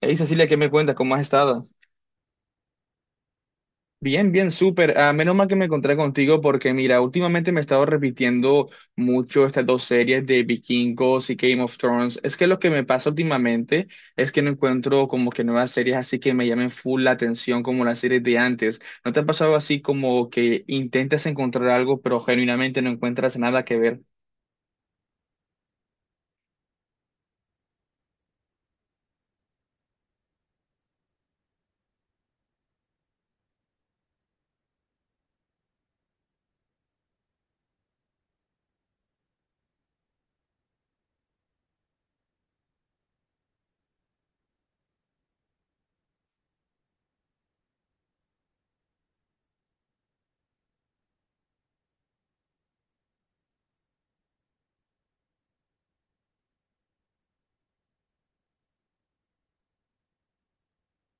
Hey Cecilia, ¿qué me cuentas? ¿Cómo has estado? Bien, bien, súper. Ah, menos mal que me encontré contigo porque, mira, últimamente me he estado repitiendo mucho estas dos series de Vikingos y Game of Thrones. Es que lo que me pasa últimamente es que no encuentro como que nuevas series así que me llamen full la atención como las series de antes. ¿No te ha pasado así como que intentas encontrar algo pero genuinamente no encuentras nada que ver?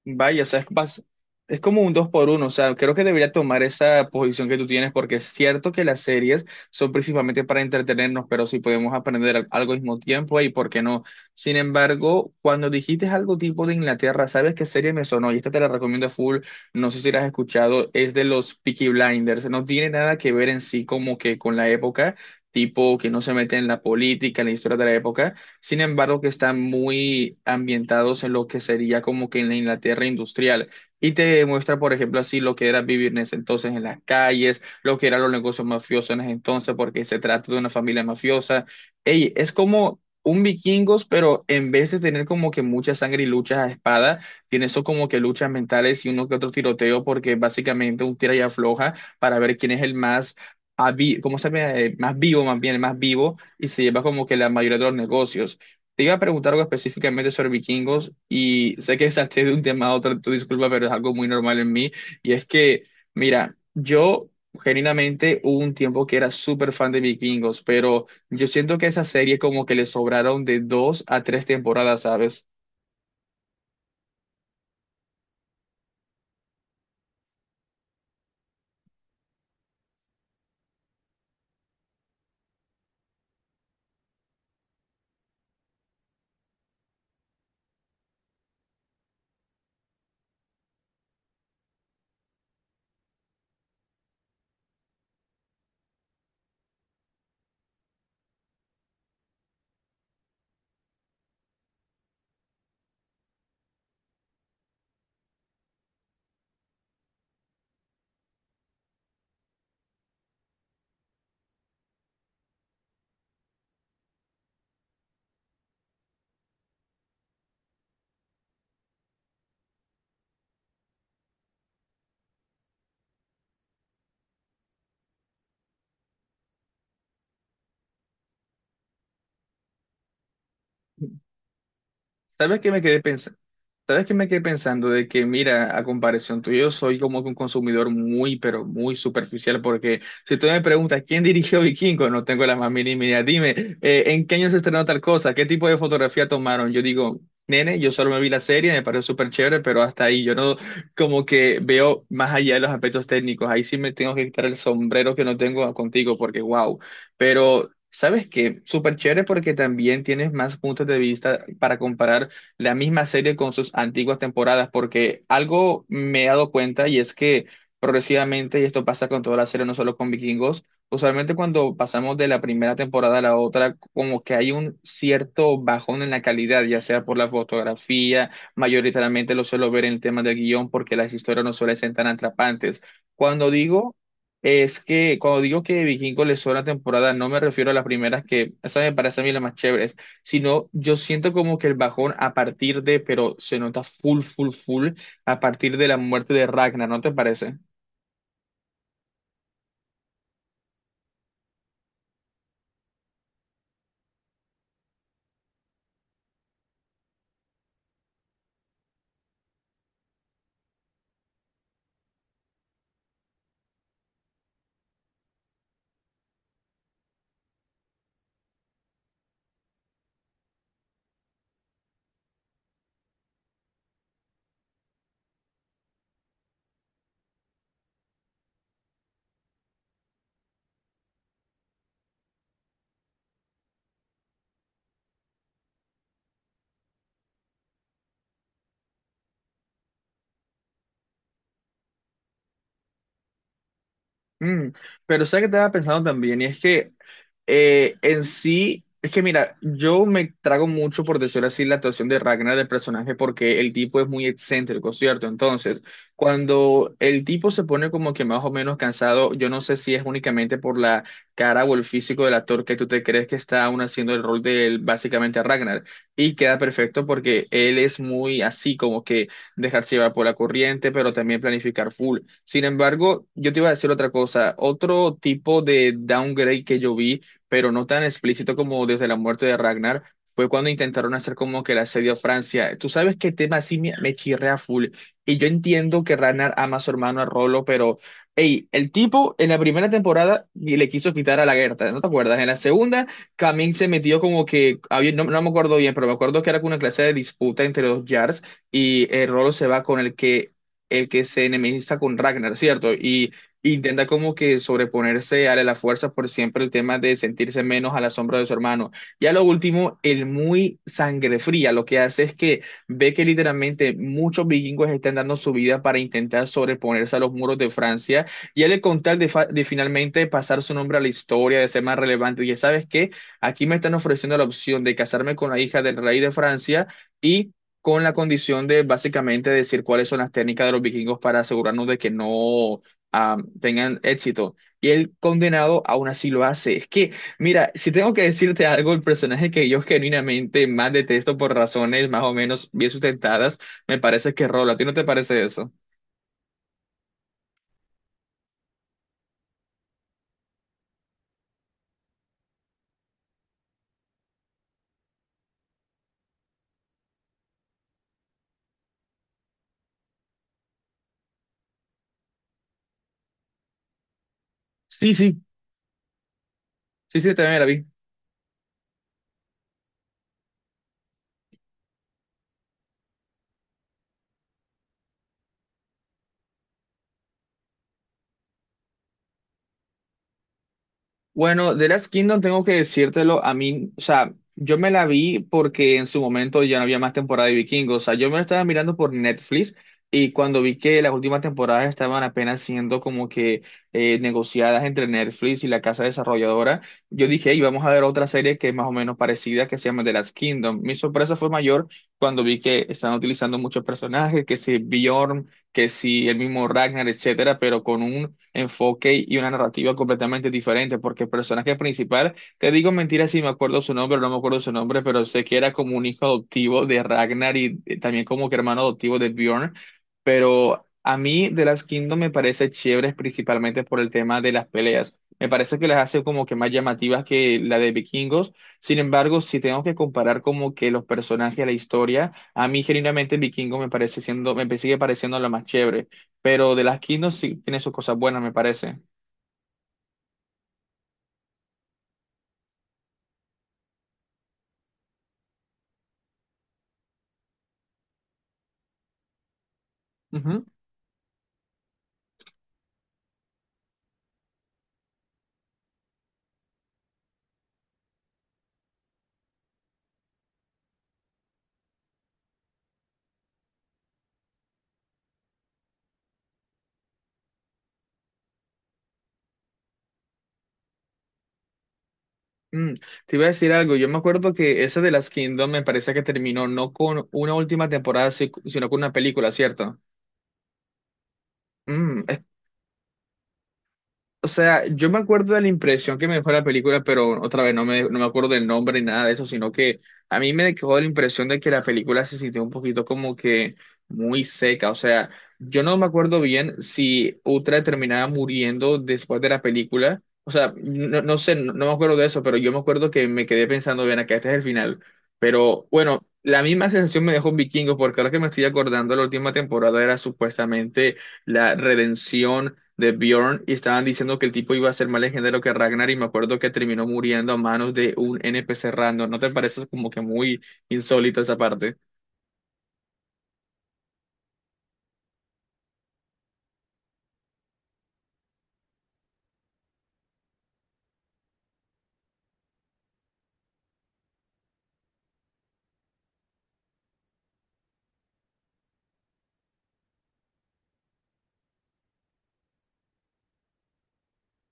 Vaya, o sea, es como un dos por uno. O sea, creo que debería tomar esa posición que tú tienes, porque es cierto que las series son principalmente para entretenernos, pero si podemos aprender algo al mismo tiempo, ¿y por qué no? Sin embargo, cuando dijiste algo tipo de Inglaterra, ¿sabes qué serie me sonó? Y esta te la recomiendo full, no sé si la has escuchado, es de los Peaky Blinders. No tiene nada que ver en sí como que con la época, tipo que no se mete en la política, en la historia de la época, sin embargo, que están muy ambientados en lo que sería como que en la Inglaterra industrial. Y te muestra, por ejemplo, así lo que era vivir en ese entonces en las calles, lo que eran los negocios mafiosos en ese entonces, porque se trata de una familia mafiosa. Ey, es como un vikingos, pero en vez de tener como que mucha sangre y luchas a espada, tiene eso como que luchas mentales y uno que otro tiroteo, porque básicamente un tira y afloja para ver quién es el más, ¿cómo se llama? Más vivo, más bien, el más vivo, y se lleva como que la mayoría de los negocios. Te iba a preguntar algo específicamente sobre vikingos y sé que salté de un tema a otro, tu disculpa, pero es algo muy normal en mí. Y es que, mira, yo genuinamente hubo un tiempo que era súper fan de vikingos, pero yo siento que esa serie como que le sobraron de dos a tres temporadas, ¿sabes? ¿Sabes qué me quedé ¿Sabes qué me quedé pensando? De que, mira, a comparación tuyo, yo soy como que un consumidor muy, pero muy superficial, porque si tú me preguntas quién dirigió Vikingo, no tengo la más mínima idea. Dime, ¿en qué año se estrenó tal cosa? ¿Qué tipo de fotografía tomaron? Yo digo, nene, yo solo me vi la serie, me pareció súper chévere, pero hasta ahí yo no como que veo más allá de los aspectos técnicos. Ahí sí me tengo que quitar el sombrero que no tengo contigo, porque wow. Pero... ¿Sabes qué? Súper chévere porque también tienes más puntos de vista para comparar la misma serie con sus antiguas temporadas, porque algo me he dado cuenta y es que progresivamente, y esto pasa con toda la serie, no solo con Vikingos, usualmente cuando pasamos de la primera temporada a la otra, como que hay un cierto bajón en la calidad, ya sea por la fotografía, mayoritariamente lo suelo ver en el tema del guión, porque las historias no suelen ser tan atrapantes. Cuando digo... Es que cuando digo que Vikingos les sobra temporada, no me refiero a las primeras, que esa me parece a mí la más chévere, sino yo siento como que el bajón a partir de, pero se nota full, full, full, a partir de la muerte de Ragnar, ¿no te parece? Mm, pero sabes que estaba pensando también, y es que en sí, es que mira, yo me trago mucho, por decirlo así, la actuación de Ragnar del personaje, porque el tipo es muy excéntrico, ¿cierto? Entonces, cuando el tipo se pone como que más o menos cansado, yo no sé si es únicamente por la cara o el físico del actor que tú te crees que está aún haciendo el rol de él, básicamente a Ragnar, y queda perfecto porque él es muy así, como que dejarse llevar por la corriente, pero también planificar full. Sin embargo, yo te iba a decir otra cosa, otro tipo de downgrade que yo vi, pero no tan explícito como desde la muerte de Ragnar. Fue cuando intentaron hacer como que el asedio a Francia. Tú sabes qué tema así me chirrea full. Y yo entiendo que Ragnar ama a su hermano a Rolo, pero ey, el tipo en la primera temporada y le quiso quitar a la Gerta, ¿no te acuerdas? En la segunda, Camin se metió como que, no, no me acuerdo bien, pero me acuerdo que era como una clase de disputa entre los Jarls, y Rolo se va con el que se enemista con Ragnar, ¿cierto? Y intenta como que sobreponerse a la fuerza por siempre el tema de sentirse menos a la sombra de su hermano. Y a lo último, el muy sangre fría lo que hace es que ve que literalmente muchos vikingos están dando su vida para intentar sobreponerse a los muros de Francia, y él con tal de, de finalmente pasar su nombre a la historia, de ser más relevante, y ya sabes que aquí me están ofreciendo la opción de casarme con la hija del rey de Francia, y con la condición de básicamente decir cuáles son las técnicas de los vikingos para asegurarnos de que no tengan éxito. Y el condenado aún así lo hace. Es que, mira, si tengo que decirte algo, el personaje que yo genuinamente más detesto por razones más o menos bien sustentadas, me parece que es Rolo. ¿A ti no te parece eso? Sí, sí. Sí, sí, también la vi. Bueno, The Last Kingdom tengo que decírtelo, a mí, o sea, yo me la vi porque en su momento ya no había más temporada de Vikingos. O sea, yo me la estaba mirando por Netflix, y cuando vi que las últimas temporadas estaban apenas siendo como que negociadas entre Netflix y la casa desarrolladora, yo dije, hey, vamos a ver otra serie que es más o menos parecida que se llama The Last Kingdom. Mi sorpresa fue mayor cuando vi que están utilizando muchos personajes, que si Bjorn, que si el mismo Ragnar, etcétera, pero con un enfoque y una narrativa completamente diferente, porque el personaje principal, te digo mentira si me acuerdo su nombre o no me acuerdo su nombre, pero sé que era como un hijo adoptivo de Ragnar y también como que hermano adoptivo de Bjorn, pero a mí The Last Kingdom me parece chévere principalmente por el tema de las peleas. Me parece que las hace como que más llamativas que la de Vikingos. Sin embargo, si tengo que comparar como que los personajes, la historia, a mí, genuinamente, el vikingo me parece siendo, me sigue pareciendo la más chévere, pero de las Kingdoms sí tiene sus cosas buenas, me parece. Ujú. Mm, te iba a decir algo, yo me acuerdo que esa de las Kingdoms me parece que terminó no con una última temporada, sino con una película, ¿cierto? Mm, o sea, yo me acuerdo de la impresión que me dejó la película, pero otra vez no me acuerdo del nombre ni nada de eso, sino que a mí me dejó la impresión de que la película se sintió un poquito como que muy seca. O sea, yo no me acuerdo bien si Uhtred terminaba muriendo después de la película. O sea, no, no sé, no, no me acuerdo de eso, pero yo me acuerdo que me quedé pensando, bien, acá este es el final. Pero bueno, la misma sensación me dejó Vikingos, porque ahora que me estoy acordando, la última temporada era supuestamente la redención de Bjorn, y estaban diciendo que el tipo iba a ser más legendario que Ragnar, y me acuerdo que terminó muriendo a manos de un NPC random. ¿No te parece como que muy insólito esa parte?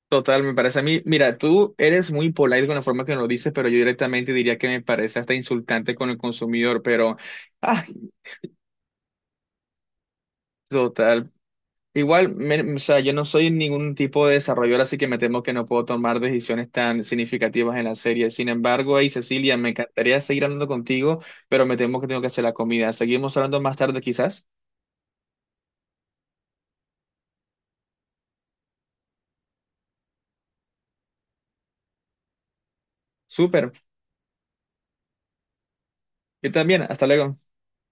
Total, me parece a mí, mira, tú eres muy polite con la forma que nos lo dices, pero yo directamente diría que me parece hasta insultante con el consumidor, pero, ah, total. Igual, o sea, yo no soy ningún tipo de desarrollador, así que me temo que no puedo tomar decisiones tan significativas en la serie. Sin embargo, hey, Cecilia, me encantaría seguir hablando contigo, pero me temo que tengo que hacer la comida. Seguimos hablando más tarde, quizás. Súper. Yo también. Hasta luego.